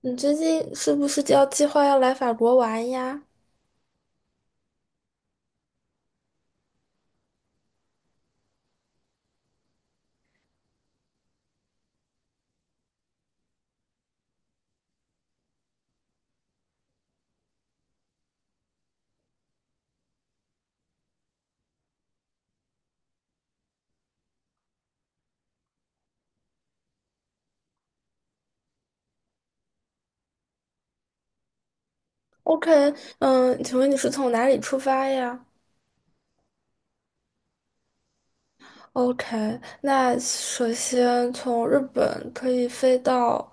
你最近是不是要计划要来法国玩呀？OK，请问你是从哪里出发呀？OK，那首先从日本可以飞到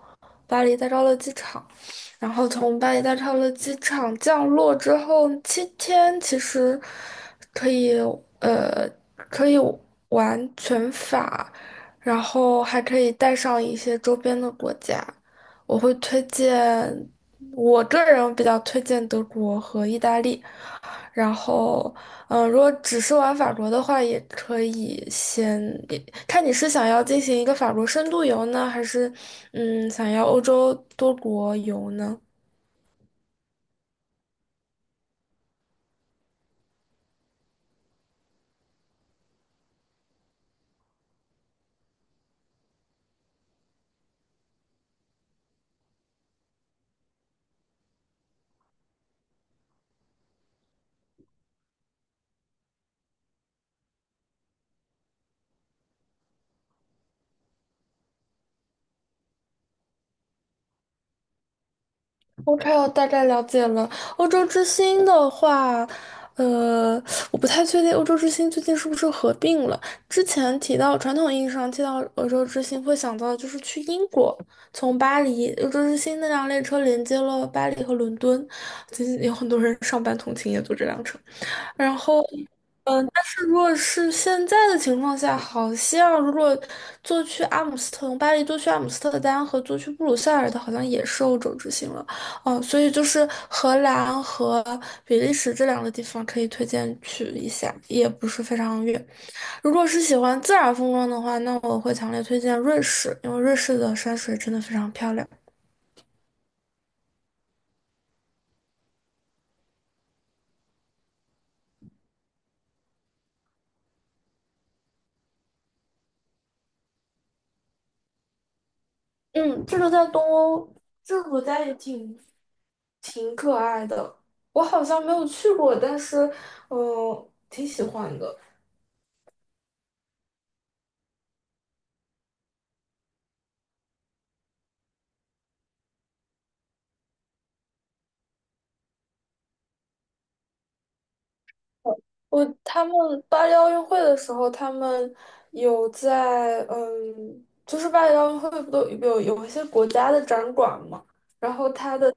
巴黎戴高乐机场，然后从巴黎戴高乐机场降落之后七天，其实可以呃可以玩全法，然后还可以带上一些周边的国家。我会推荐，我个人比较推荐德国和意大利。然后，如果只是玩法国的话，也可以也看你是想要进行一个法国深度游呢，还是想要欧洲多国游呢？OK，我大概了解了。欧洲之星的话，呃，我不太确定欧洲之星最近是不是合并了。之前提到传统意义上提到欧洲之星，会想到的就是去英国，从巴黎，欧洲之星那辆列车连接了巴黎和伦敦，最近有很多人上班通勤也坐这辆车。然后，但是如果是现在的情况下，好像如果坐去阿姆斯特从巴黎坐去阿姆斯特丹和坐去布鲁塞尔的，好像也是欧洲之行了。哦，所以就是荷兰和比利时这两个地方可以推荐去一下，也不是非常远。如果是喜欢自然风光的话，那我会强烈推荐瑞士，因为瑞士的山水真的非常漂亮。嗯，这个在东欧，这个国家也挺可爱的。我好像没有去过，但是挺喜欢的。他们巴黎奥运会的时候，他们有在就是巴黎奥运会不都有一些国家的展馆嘛，然后它的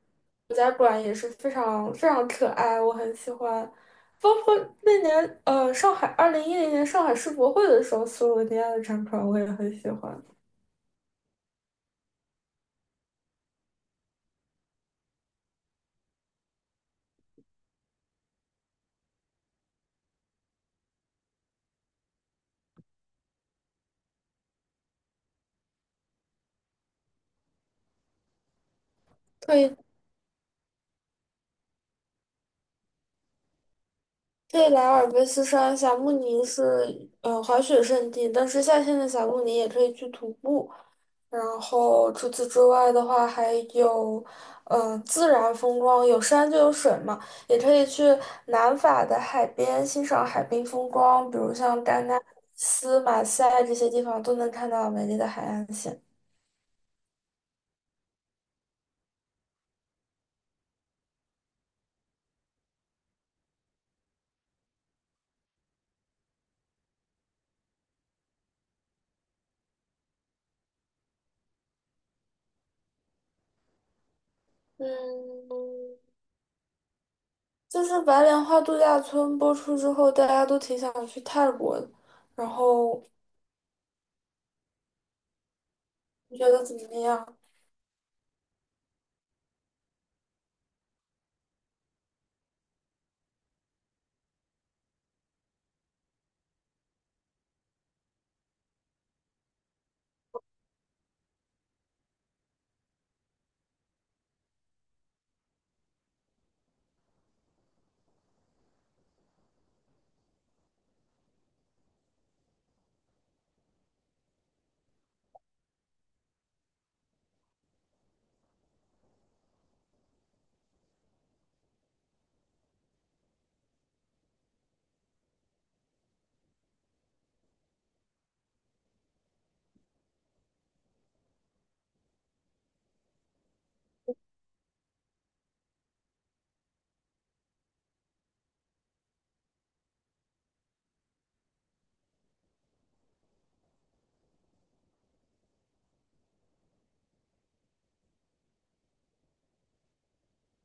国家馆也是非常非常可爱，我很喜欢。包括那年上海2010年上海世博会的时候，斯洛文尼亚的展馆我也很喜欢。对。对，莱尔卑斯山霞慕尼是滑雪胜地，但是夏天的霞慕尼也可以去徒步。然后除此之外的话，还有自然风光，有山就有水嘛，也可以去南法的海边欣赏海滨风光，比如像戛纳、马赛这些地方都能看到美丽的海岸线。嗯，就是白莲花度假村播出之后，大家都挺想去泰国的，然后你觉得怎么样？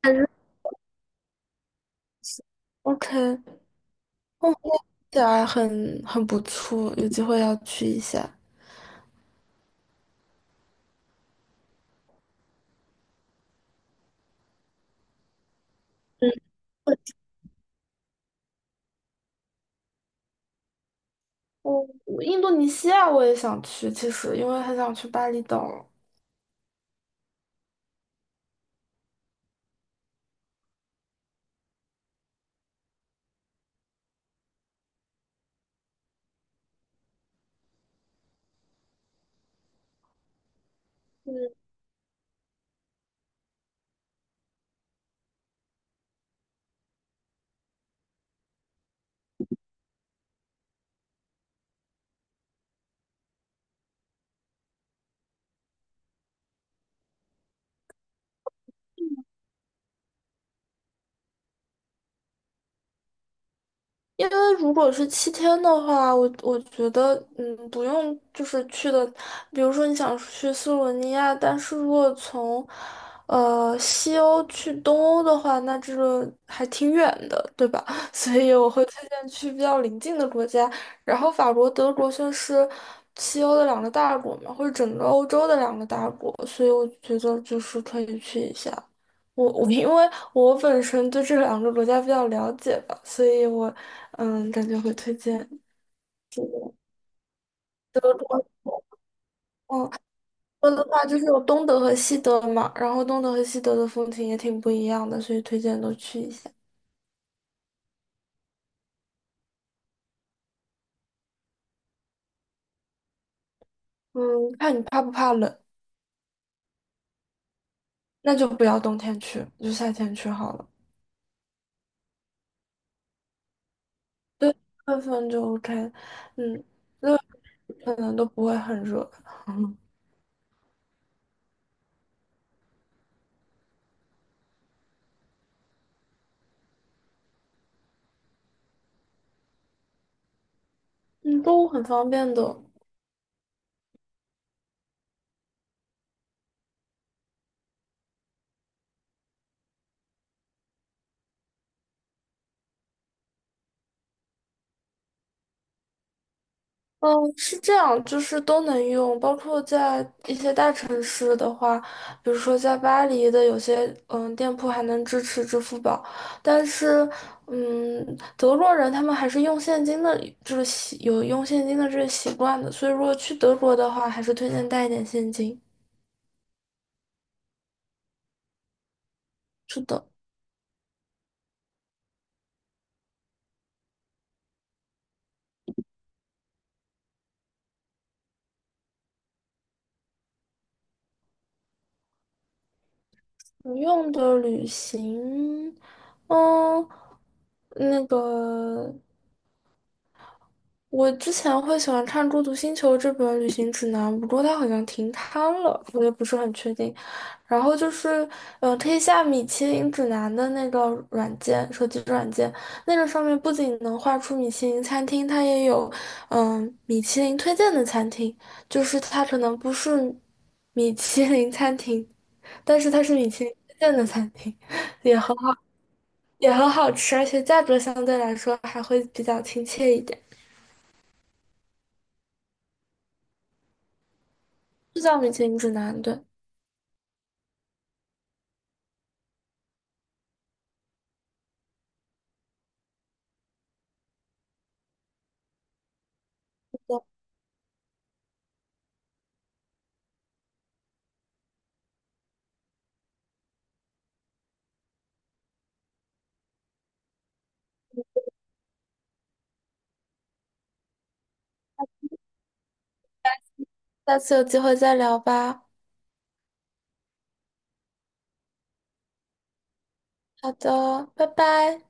还是 OK，哦，起来很不错，有机会要去一下。嗯，我印度尼西亚我也想去，其实因为很想去巴厘岛。嗯。因为如果是七天的话，我觉得，不用就是去的，比如说你想去斯洛文尼亚，但是如果从，西欧去东欧的话，那这个还挺远的，对吧？所以我会推荐去比较邻近的国家，然后法国、德国算是西欧的两个大国嘛，或者整个欧洲的两个大国，所以我觉得就是可以去一下。我因为我本身对这两个国家比较了解吧，所以我感觉会推荐德国。德国的话就是有东德和西德嘛，然后东德和西德的风情也挺不一样的，所以推荐都去一下。嗯，看你怕不怕冷，那就不要冬天去，就夏天去好了。对，6月份就 OK，嗯，可能都不会很热，嗯，都很方便的。嗯，是这样，就是都能用，包括在一些大城市的话，比如说在巴黎的有些店铺还能支持支付宝，但是嗯，德国人他们还是用现金的，就是有用现金的这个习惯的，所以如果去德国的话，还是推荐带一点现金。是的，不用的旅行，嗯，那个。我之前会喜欢看《孤独星球》这本旅行指南，不过它好像停刊了，我也不是很确定。然后就是，可以下米其林指南的那个软件，手机软件，那个上面不仅能画出米其林餐厅，它也有，嗯、米其林推荐的餐厅，就是它可能不是米其林餐厅，但是它是米其林推荐的餐厅，也很好，也很好吃，而且价格相对来说还会比较亲切一点。就叫米其林指南，对。下次有机会再聊吧。好的，拜拜。